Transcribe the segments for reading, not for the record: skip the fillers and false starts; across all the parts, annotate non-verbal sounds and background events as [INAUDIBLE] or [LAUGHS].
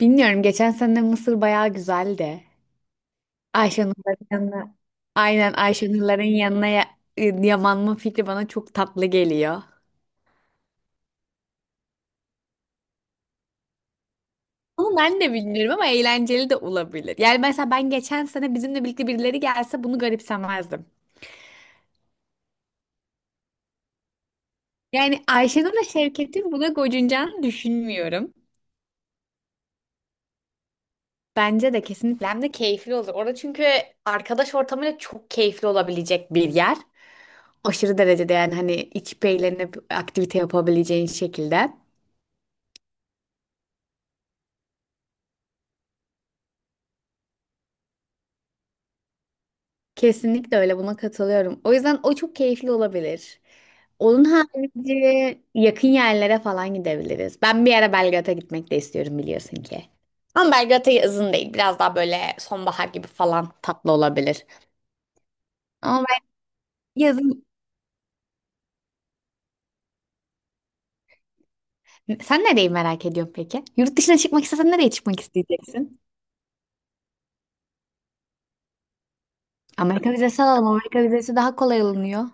Bilmiyorum geçen sene Mısır bayağı güzeldi. Ayşenur'ların yanına, aynen Ayşenur'ların yanına, yamanma fikri bana çok tatlı geliyor. Ama ben de bilmiyorum ama eğlenceli de olabilir. Yani mesela ben geçen sene bizimle birlikte birileri gelse bunu garipsemezdim. Yani Ayşenur'la Şevket'in buna gocunacağını düşünmüyorum. Bence de kesinlikle hem de keyifli olur. Orada çünkü arkadaş ortamıyla çok keyifli olabilecek bir yer. Aşırı derecede yani hani içip eğlenip aktivite yapabileceğin şekilde. Kesinlikle öyle buna katılıyorum. O yüzden o çok keyifli olabilir. Onun harici yakın yerlere falan gidebiliriz. Ben bir ara Belgrad'a gitmek de istiyorum biliyorsun ki. Ama Belgrad'a yazın değil. Biraz daha böyle sonbahar gibi falan tatlı olabilir. Ama ben yazın. Sen nereyi merak ediyorsun peki? Yurt dışına çıkmak istesen nereye çıkmak isteyeceksin? Amerika vizesi alalım. Amerika vizesi daha kolay alınıyor.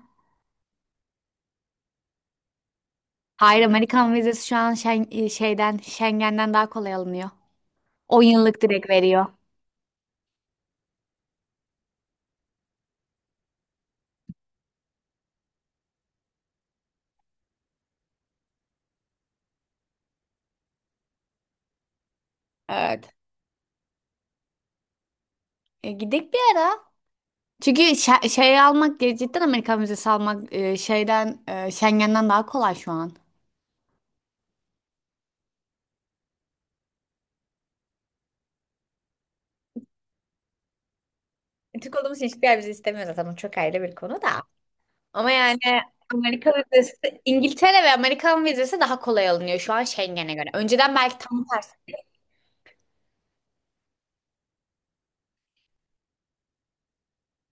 Hayır, Amerikan vizesi şu an şeyden Schengen'den daha kolay alınıyor. 10 yıllık direkt veriyor. Evet. Gidek bir ara. Çünkü şey almak, cidden Amerikan vizesi almak şeyden, Schengen'den daha kolay şu an. Türk olduğumuz için hiçbir yer bizi istemiyor zaten. Bu çok ayrı bir konu da. Ama yani Amerika vizesi, İngiltere ve Amerikan vizesi daha kolay alınıyor şu an Schengen'e göre. Önceden belki tam tersi.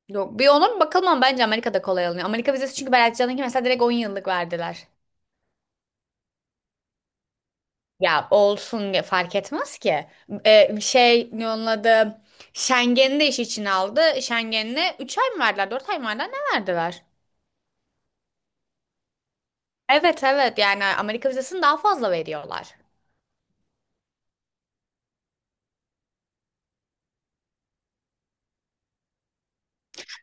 Yok, bir onun bakalım ama bence Amerika'da kolay alınıyor. Amerika vizesi çünkü Berat Can'ınki mesela direkt 10 yıllık verdiler. Ya olsun, fark etmez ki. Şey, ne onun adı? Schengen'i de iş içine aldı. Schengen'e 3 ay mı verdiler, 4 ay mı verdiler, ne verdiler? Evet, evet, yani Amerika vizesini daha fazla veriyorlar.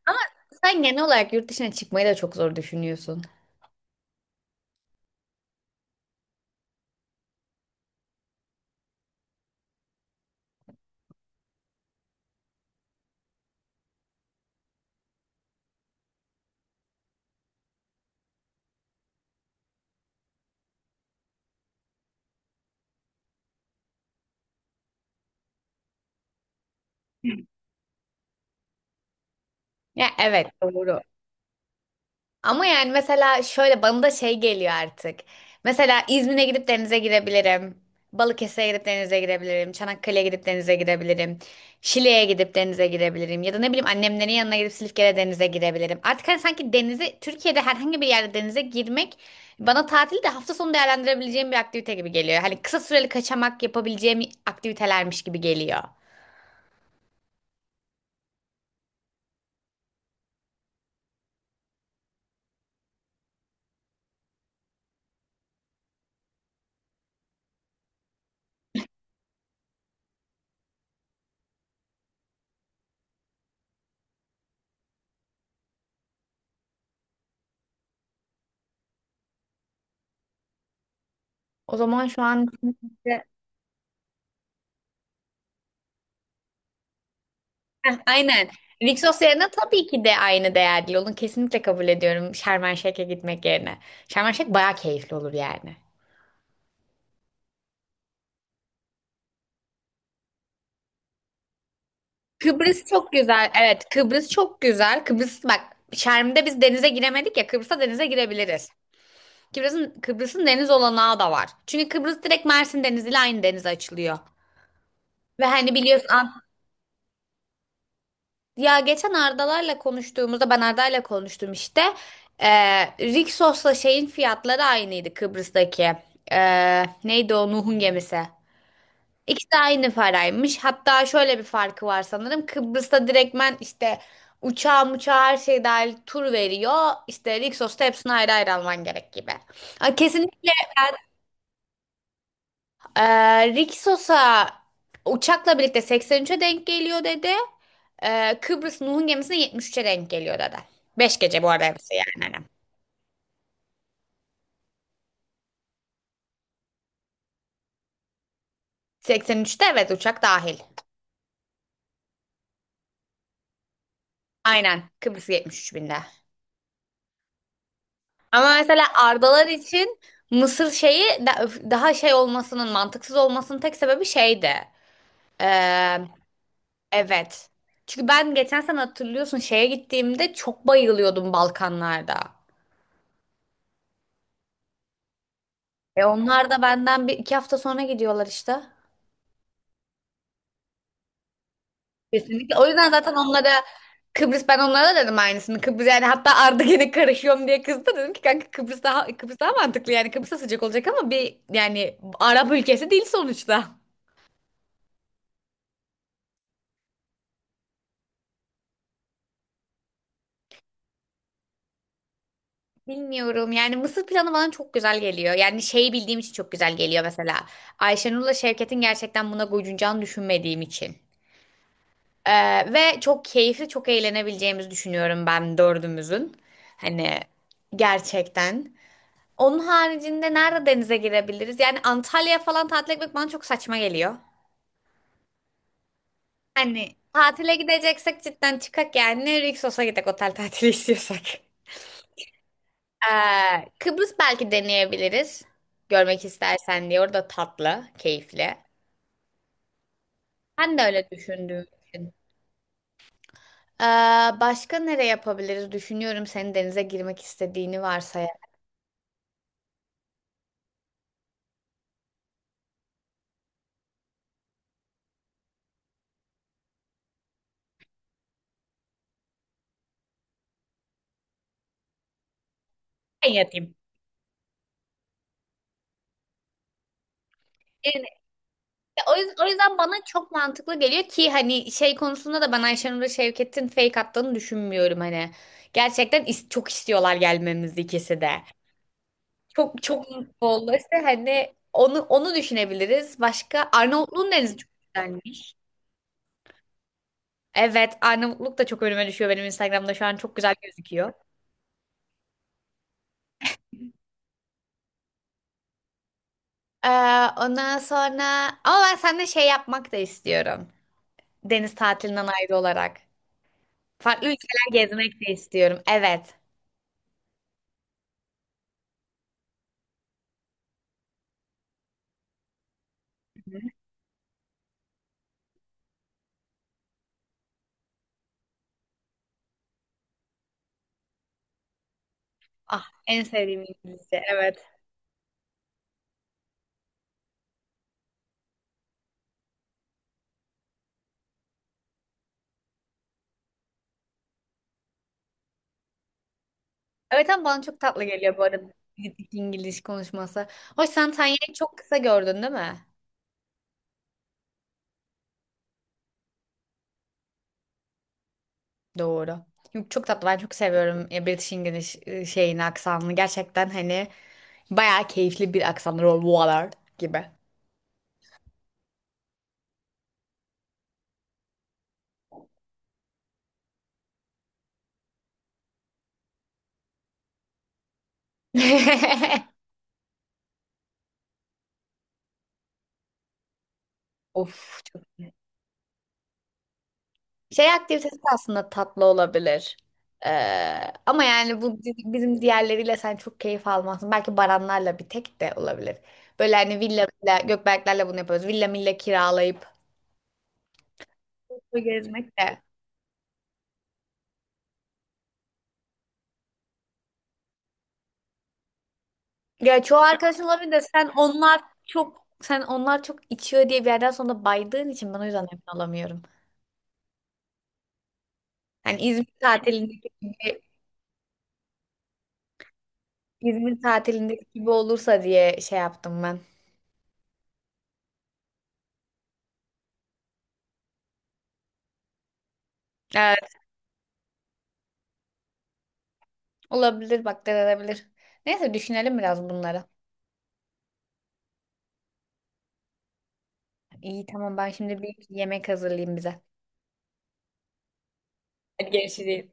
Ama sen genel olarak yurt dışına çıkmayı da çok zor düşünüyorsun. Ya evet, doğru. Ama yani mesela şöyle bana da şey geliyor artık. Mesela İzmir'e gidip denize girebilirim. Balıkesir'e gidip denize girebilirim. Çanakkale'ye gidip denize girebilirim. Şile'ye gidip denize girebilirim. Ya da ne bileyim annemlerin yanına gidip Silifke'de denize girebilirim. Artık hani sanki denize, Türkiye'de herhangi bir yerde denize girmek bana tatili de hafta sonu değerlendirebileceğim bir aktivite gibi geliyor. Hani kısa süreli kaçamak yapabileceğim aktivitelermiş gibi geliyor. O zaman şu an. Heh, aynen. Vixos yerine tabii ki de aynı değerli olun, kesinlikle kabul ediyorum Şarm Şeyh'e gitmek yerine. Şarm Şeyh bayağı keyifli olur yani. Kıbrıs çok güzel. Evet, Kıbrıs çok güzel. Kıbrıs bak, Şerm'de biz denize giremedik ya, Kıbrıs'ta denize girebiliriz. Kıbrıs'ın deniz olanağı da var. Çünkü Kıbrıs direkt Mersin Denizi ile aynı denize açılıyor. Ve hani biliyorsun. Ya geçen Ardalar'la konuştuğumuzda ben Arda'yla konuştum işte. Rixos'la şeyin fiyatları aynıydı Kıbrıs'taki. Neydi o Nuh'un gemisi. İkisi de aynı paraymış. Hatta şöyle bir farkı var sanırım. Kıbrıs'ta direktmen işte uçağı, her şey dahil tur veriyor. İşte Rixos'ta hepsini ayrı ayrı alman gerek gibi. Kesinlikle, ee, Rick uçakla birlikte 83'e denk geliyor dedi. Kıbrıs Nuh'un gemisine 73'e denk geliyor dedi. 5 gece bu arada hepsi yani, hani. 83'te, evet, uçak dahil. Aynen, Kıbrıs 73 binde. Ama mesela Ardalar için Mısır şeyi daha şey olmasının, mantıksız olmasının tek sebebi şeydi. Ee, evet. Çünkü ben geçen sene hatırlıyorsun şeye gittiğimde çok bayılıyordum Balkanlarda. Onlar da benden bir iki hafta sonra gidiyorlar işte. Kesinlikle. O yüzden zaten onlara Kıbrıs, ben onlara da dedim aynısını. Kıbrıs yani, hatta Arda gene karışıyorum diye kızdı. Dedim ki kanka, Kıbrıs daha mantıklı yani, Kıbrıs sıcak olacak ama bir yani Arap ülkesi değil sonuçta. Bilmiyorum yani, Mısır planı bana çok güzel geliyor. Yani şeyi bildiğim için çok güzel geliyor mesela. Ayşenur'la Şevket'in gerçekten buna gocunacağını düşünmediğim için. Ve çok keyifli, çok eğlenebileceğimizi düşünüyorum ben dördümüzün. Hani gerçekten. Onun haricinde nerede denize girebiliriz? Yani Antalya falan tatil etmek bana çok saçma geliyor. Hani tatile gideceksek cidden çıkak yani, Rixos'a gidek otel tatili [LAUGHS] istiyorsak. Kıbrıs belki deneyebiliriz. Görmek istersen diye. Orada tatlı, keyifli. Ben de öyle düşündüğüm için. Ee, Başka nereye yapabiliriz? Düşünüyorum senin denize girmek istediğini varsayarak. Ben yatayım. O yüzden bana çok mantıklı geliyor ki hani şey konusunda da ben Ayşenur'a Şevket'in fake attığını düşünmüyorum hani. Gerçekten çok istiyorlar gelmemizi, ikisi de. Çok çok mutlu oldu. İşte hani onu düşünebiliriz. Başka, Arnavutluğun denizi çok güzelmiş. Evet, Arnavutluk da çok önüme düşüyor benim, Instagram'da şu an çok güzel gözüküyor. Ee, Ondan sonra ama ben seninle şey yapmak da istiyorum. Deniz tatilinden ayrı olarak. Farklı ülkeler gezmek de istiyorum. Evet. Ah, en sevdiğim İngilizce. Evet. Evet, ama bana çok tatlı geliyor bu arada İngiliz konuşması. Hoş, sen Tanya'yı çok kısa gördün değil mi? Doğru. Yok, çok tatlı. Ben çok seviyorum British English şeyini, aksanını. Gerçekten hani bayağı keyifli bir aksanı. Roll water gibi. [LAUGHS] Of, çok. Şey aktivitesi de aslında tatlı olabilir. Ee, Ama yani bu bizim diğerleriyle sen çok keyif almazsın. Belki Baranlarla bir tek de olabilir. Böyle hani villa Gökberklerle bunu yapıyoruz. Villa milla kiralayıp gezmek de. Ya çoğu arkadaşın olabilir de sen onlar çok içiyor diye bir yerden sonra baydığın için ben o yüzden emin olamıyorum. Hani İzmir tatilindeki gibi olursa diye şey yaptım ben. Evet, olabilir bak, denenebilir. Neyse, düşünelim biraz bunları. İyi, tamam, ben şimdi bir yemek hazırlayayım bize. Hadi görüşürüz.